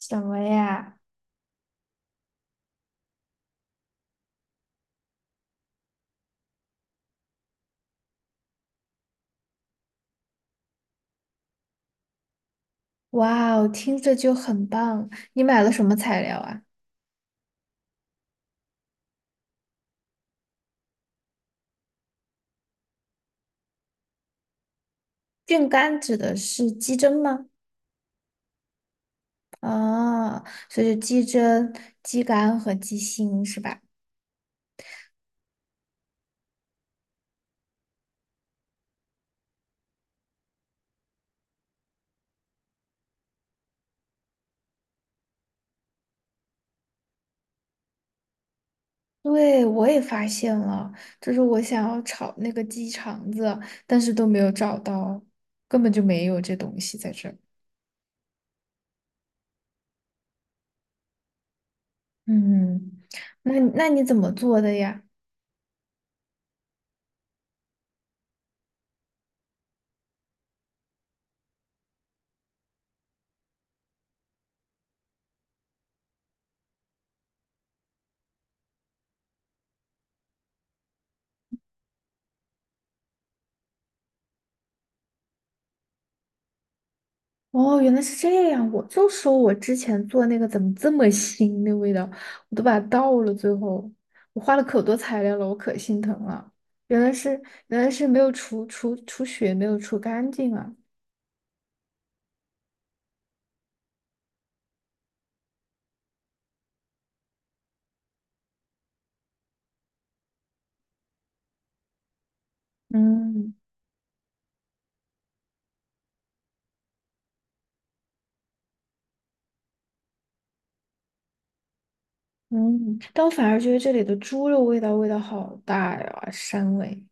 什么呀？哇哦，听着就很棒。你买了什么材料啊？菌干指的是鸡胗吗？啊，所以就鸡胗、鸡肝和鸡心是吧？对，我也发现了，就是我想要炒那个鸡肠子，但是都没有找到，根本就没有这东西在这儿。嗯，嗯。那你怎么做的呀？哦，原来是这样，我就说我之前做那个怎么这么腥那味道，我都把它倒了，最后我花了可多材料了，我可心疼了。原来是原来是没有除血，没有除干净啊。嗯嗯，但我反而觉得这里的猪肉味道好大呀，膻味。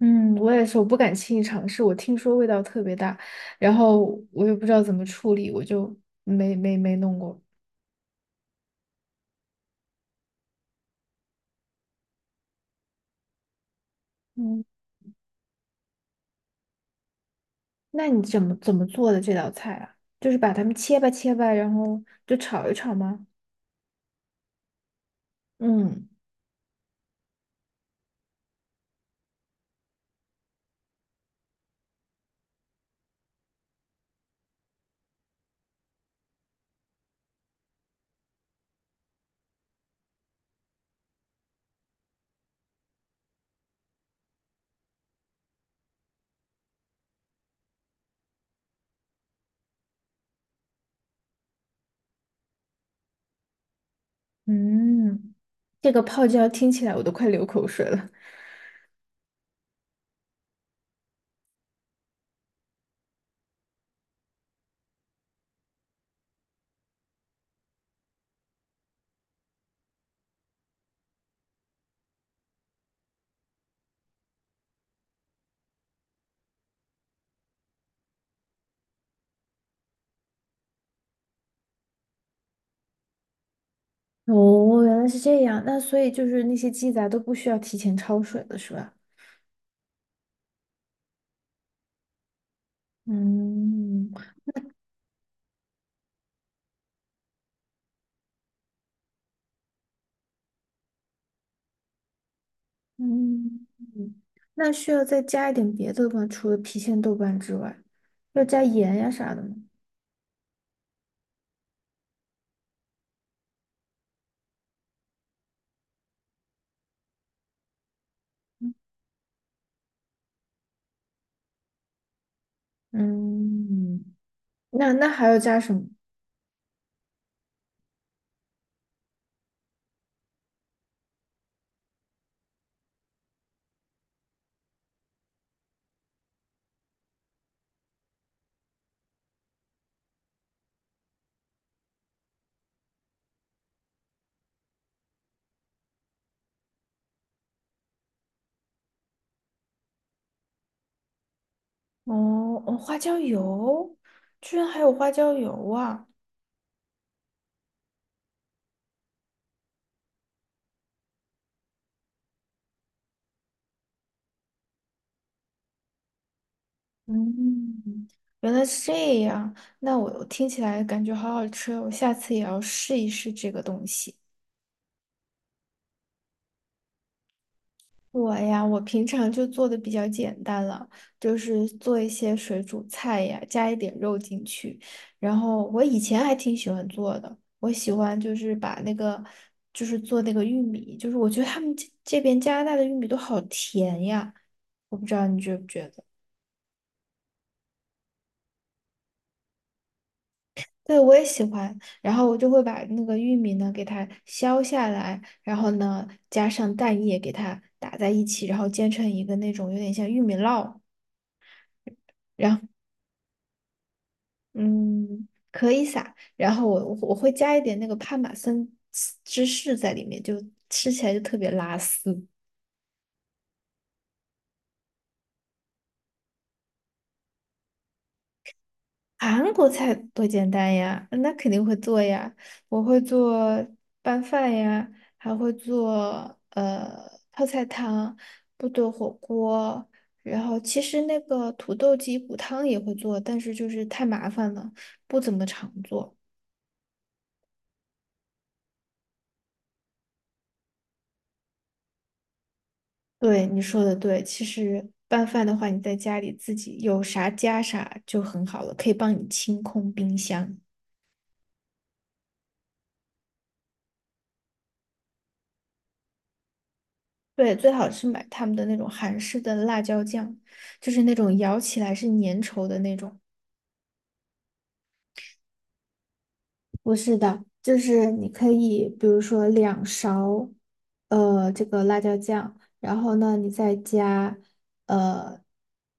嗯，我也是，我不敢轻易尝试。我听说味道特别大，然后我也不知道怎么处理，我就没弄过。嗯。那你怎么做的这道菜啊？就是把它们切吧切吧，然后就炒一炒吗？嗯嗯，这个泡椒听起来我都快流口水了。哦，原来是这样。那所以就是那些鸡杂都不需要提前焯水了，是吧？嗯嗯，那需要再加一点别的吗？除了郫县豆瓣之外，要加盐呀啥的吗？嗯，那还要加什么？哦，哦，花椒油，居然还有花椒油啊！嗯，原来是这样。那我听起来感觉好好吃哦，我下次也要试一试这个东西。我呀，我平常就做的比较简单了，就是做一些水煮菜呀，加一点肉进去。然后我以前还挺喜欢做的，我喜欢就是把那个，就是做那个玉米，就是我觉得他们这边加拿大的玉米都好甜呀，我不知道你觉不觉得。对，我也喜欢。然后我就会把那个玉米呢给它削下来，然后呢加上蛋液给它打在一起，然后煎成一个那种有点像玉米烙，然后嗯可以撒。然后我会加一点那个帕玛森芝士在里面，就吃起来就特别拉丝。韩国菜多简单呀，那肯定会做呀。我会做拌饭呀，还会做泡菜汤、部队火锅。然后其实那个土豆鸡骨汤也会做，但是就是太麻烦了，不怎么常做。对，你说的对，其实拌饭的话，你在家里自己有啥加啥就很好了，可以帮你清空冰箱。对，最好是买他们的那种韩式的辣椒酱，就是那种咬起来是粘稠的那种。不是的，就是你可以，比如说2勺，这个辣椒酱，然后呢，你再加，呃，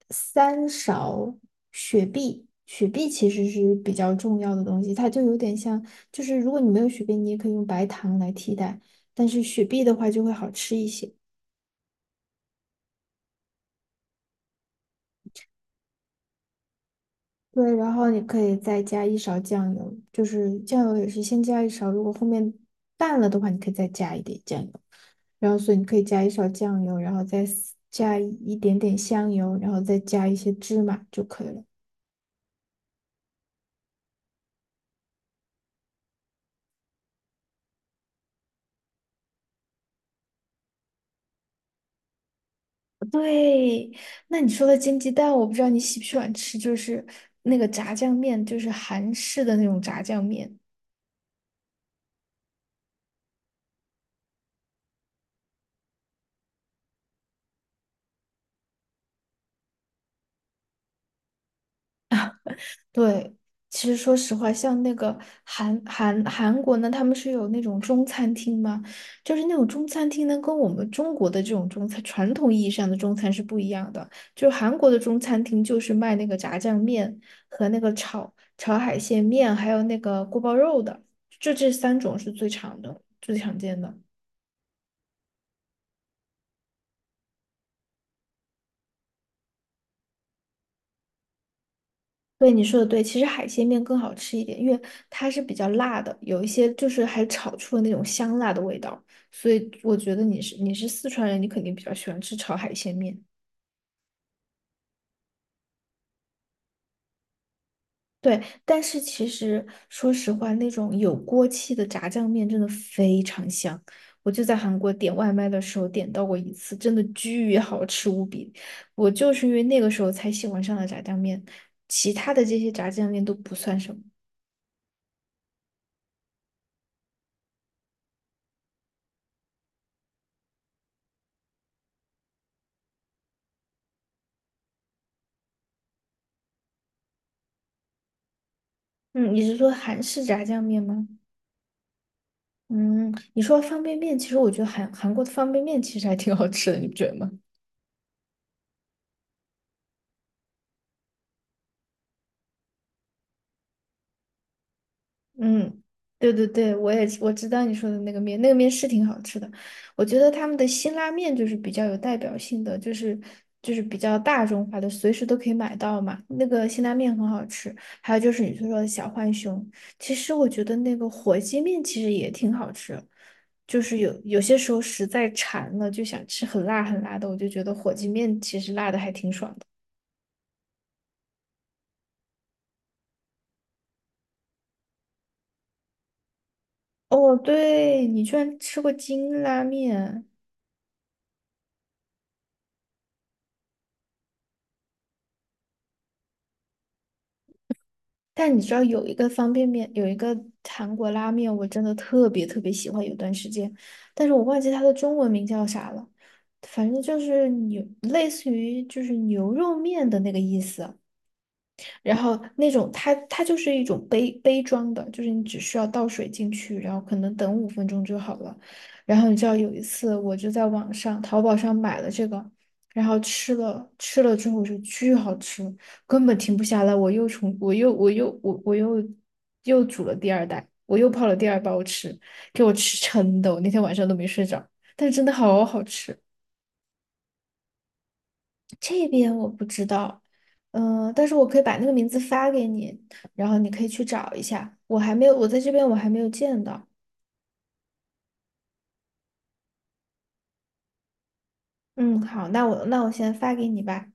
3勺雪碧。雪碧其实是比较重要的东西，它就有点像，就是如果你没有雪碧，你也可以用白糖来替代，但是雪碧的话就会好吃一些。对，然后你可以再加一勺酱油，就是酱油也是先加一勺，如果后面淡了的话，你可以再加一点酱油。然后所以你可以加一勺酱油，然后再撕加一点点香油，然后再加一些芝麻就可以了。对，那你说的煎鸡蛋，我不知道你喜不喜欢吃，就是那个炸酱面，就是韩式的那种炸酱面。啊。对，其实说实话，像那个韩国呢，他们是有那种中餐厅嘛，就是那种中餐厅呢，跟我们中国的这种中餐传统意义上的中餐是不一样的。就是韩国的中餐厅就是卖那个炸酱面和那个炒海鲜面，还有那个锅包肉的，就这三种是最常见的。对，你说的对，其实海鲜面更好吃一点，因为它是比较辣的，有一些就是还炒出了那种香辣的味道，所以我觉得你是四川人，你肯定比较喜欢吃炒海鲜面。对，但是其实说实话，那种有锅气的炸酱面真的非常香。我就在韩国点外卖的时候点到过一次，真的巨好吃无比。我就是因为那个时候才喜欢上了炸酱面，其他的这些炸酱面都不算什么。嗯，你是说韩式炸酱面吗？嗯，你说方便面，其实我觉得韩国的方便面其实还挺好吃的，你不觉得吗？嗯，对对对，我知道你说的那个面，那个面是挺好吃的。我觉得他们的辛拉面就是比较有代表性的，就是比较大众化的，随时都可以买到嘛。那个辛拉面很好吃，还有就是你说的小浣熊，其实我觉得那个火鸡面其实也挺好吃，就是有些时候实在馋了，就想吃很辣很辣的，我就觉得火鸡面其实辣的还挺爽的。哦，对，你居然吃过金拉面，但你知道有一个方便面，有一个韩国拉面，我真的特别特别喜欢，有段时间，但是我忘记它的中文名叫啥了，反正就是牛，类似于就是牛肉面的那个意思。然后那种它就是一种杯装的，就是你只需要倒水进去，然后可能等5分钟就好了。然后你知道有一次我就在网上淘宝上买了这个，然后吃了之后就巨好吃，根本停不下来。我又煮了第二袋，我又泡了第二包吃，给我吃撑的，我那天晚上都没睡着，但是真的好好吃。这边我不知道，但是我可以把那个名字发给你，然后你可以去找一下。我还没有，我在这边我还没有见到。嗯，好，那我先发给你吧。